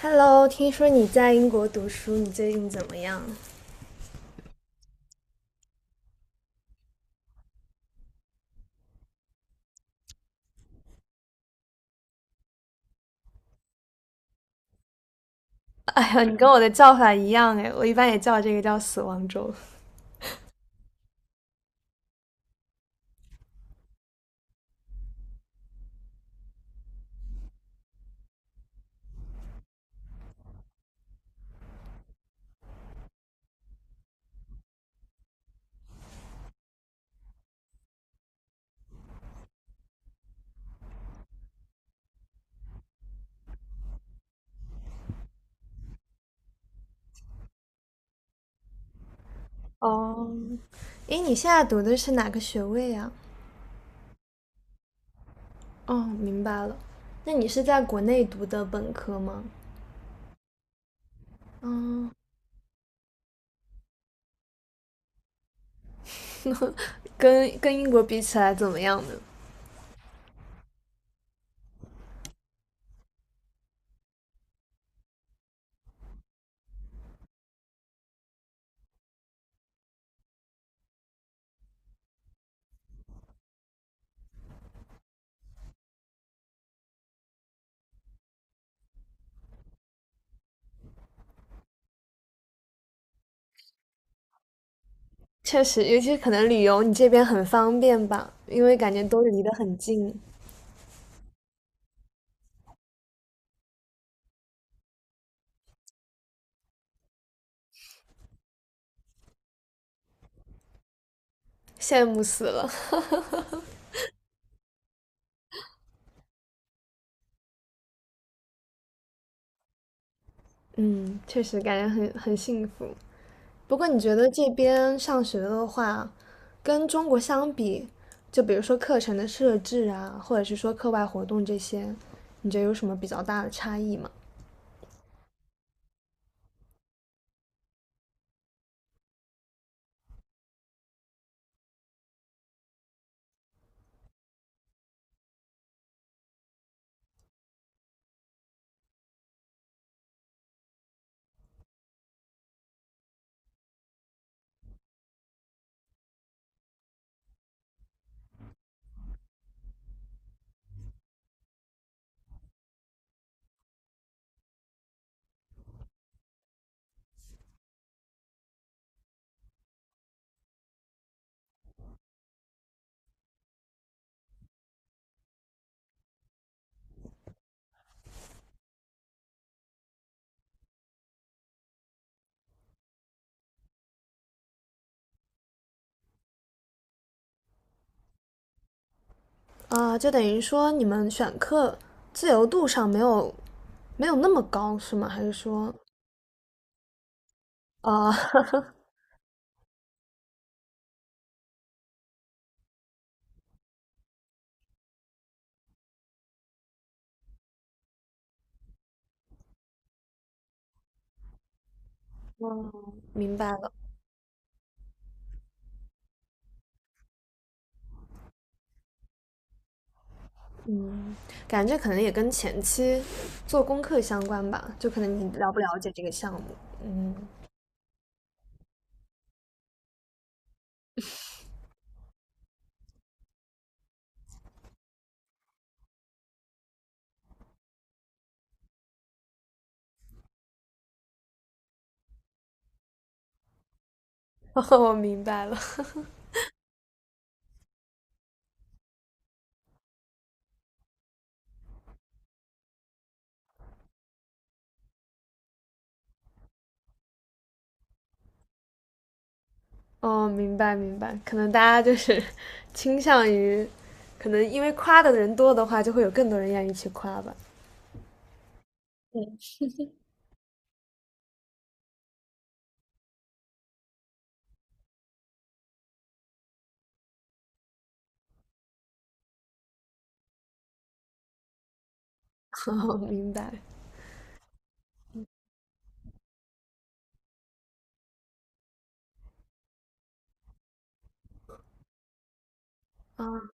Hello，听说你在英国读书，你最近怎么样？哎呀，你跟我的叫法一样哎，我一般也叫这个叫死亡周。哦，诶，你现在读的是哪个学位啊？哦，明白了。那你是在国内读的本科吗？嗯，跟英国比起来怎么样呢？确实，尤其是可能旅游，你这边很方便吧，因为感觉都离得很近，羡慕死了。嗯，确实感觉很幸福。不过你觉得这边上学的话，跟中国相比，就比如说课程的设置啊，或者是说课外活动这些，你觉得有什么比较大的差异吗？啊，就等于说你们选课自由度上没有那么高，是吗？还是说，啊，嗯，明白了，嗯，感觉可能也跟前期做功课相关吧，就可能你了不了解这个项目，嗯，我明白了。哦，明白明白，可能大家就是 倾向于，可能因为夸的人多的话，就会有更多人愿意去夸吧。哦，明白。啊，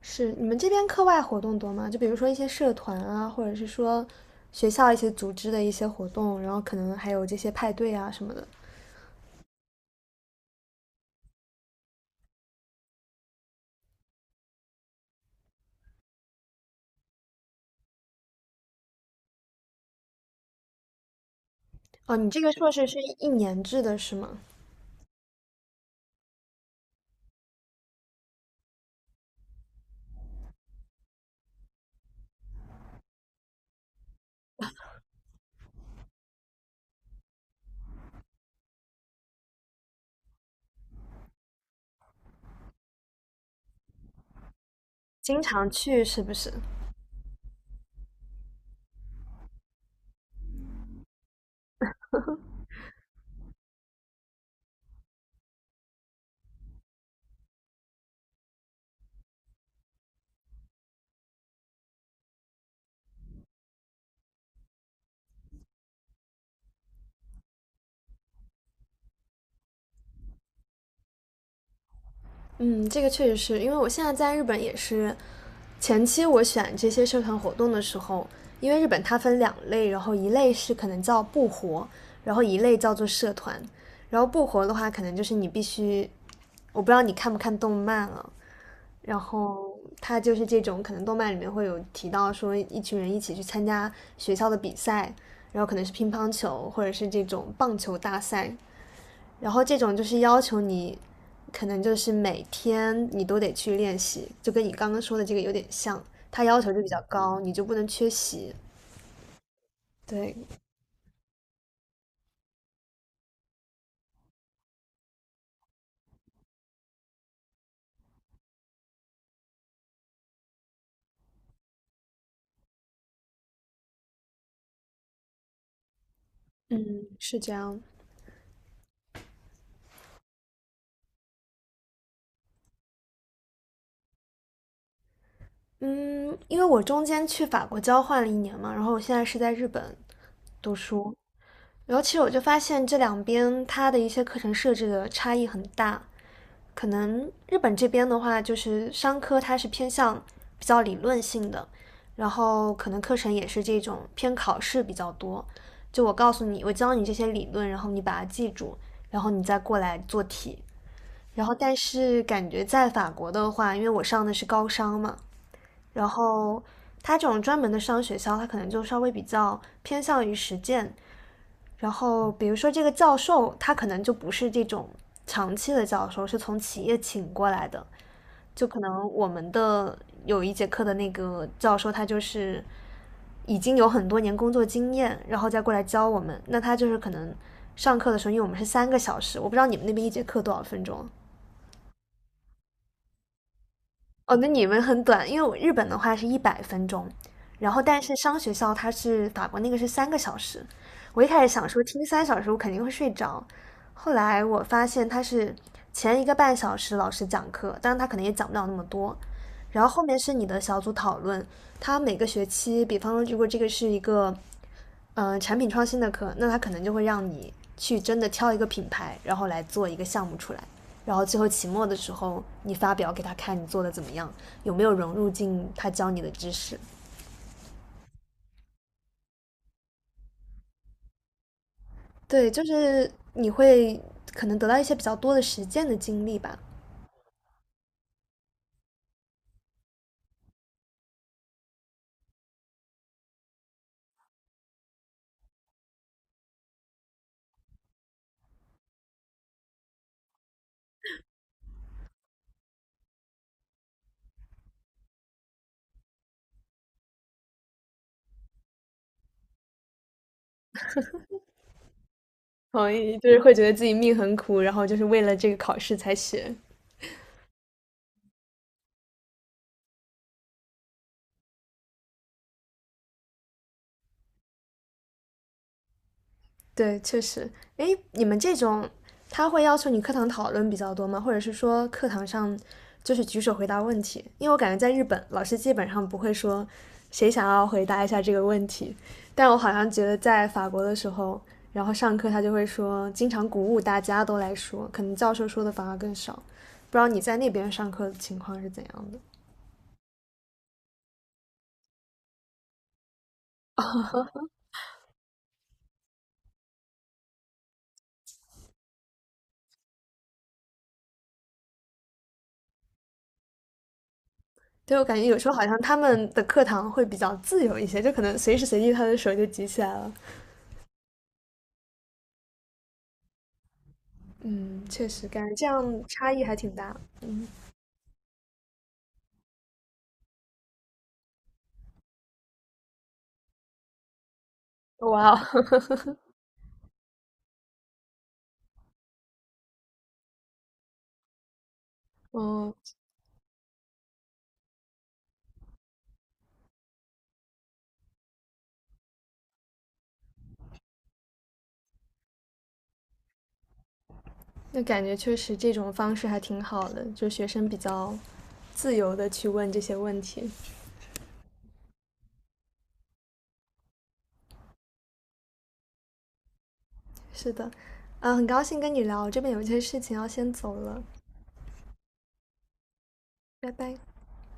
是你们这边课外活动多吗？就比如说一些社团啊，或者是说学校一些组织的一些活动，然后可能还有这些派对啊什么的。哦，你这个硕士是1年制的是吗？经常去是不是？嗯，这个确实是因为我现在在日本也是，前期我选这些社团活动的时候，因为日本它分2类，然后一类是可能叫部活，然后一类叫做社团。然后部活的话，可能就是你必须，我不知道你看不看动漫了，然后它就是这种，可能动漫里面会有提到说一群人一起去参加学校的比赛，然后可能是乒乓球或者是这种棒球大赛然后这种就是要求你，可能就是每天你都得去练习，就跟你刚刚说的这个有点像，它要求就比较高，你就不能缺席。对，嗯，是这样。嗯，因为我中间去法国交换了一年嘛，然后我现在是在日本读书，然后其实我就发现这两边它的一些课程设置的差异很大，可能日本这边的话，就是商科它是偏向比较理论性的，然后可能课程也是这种偏考试比较多。就我告诉你，我教你这些理论，然后你把它记住，然后你再过来做题。然后但是感觉在法国的话，因为我上的是高商嘛，然后它这种专门的商学校，它可能就稍微比较偏向于实践。然后比如说这个教授，他可能就不是这种长期的教授，是从企业请过来的。就可能我们的有一节课的那个教授，他就是已经有很多年工作经验，然后再过来教我们。那他就是可能上课的时候，因为我们是三个小时，我不知道你们那边一节课多少分钟。哦，那你们很短，因为我日本的话是100分钟，然后但是商学校它是法国那个是三个小时。我一开始想说听3小时我肯定会睡着，后来我发现他是前1个半小时老师讲课，当然他可能也讲不了那么多，然后后面是你的小组讨论，他每个学期，比方说如果这个是一个，产品创新的课，那他可能就会让你去真的挑一个品牌，然后来做一个项目出来，然后最后期末的时候你发表给他看你做的怎么样，有没有融入进他教你的知识。对，就是你会可能得到一些比较多的实践的经历吧。同意，就是会觉得自己命很苦，然后就是为了这个考试才学。对，确实。哎，你们这种，他会要求你课堂讨论比较多吗？或者是说课堂上就是举手回答问题？因为我感觉在日本，老师基本上不会说谁想要回答一下这个问题，但我好像觉得在法国的时候，然后上课他就会说，经常鼓舞大家都来说，可能教授说的反而更少。不知道你在那边上课的情况是怎样的？对，我感觉有时候好像他们的课堂会比较自由一些，就可能随时随地他的手就举起来了。嗯，确实感觉这样差异还挺大。嗯，哇哦，哦，那感觉确实这种方式还挺好的，就学生比较自由的去问这些问题。是的，嗯，很高兴跟你聊，我这边有一些事情要先走了，拜拜。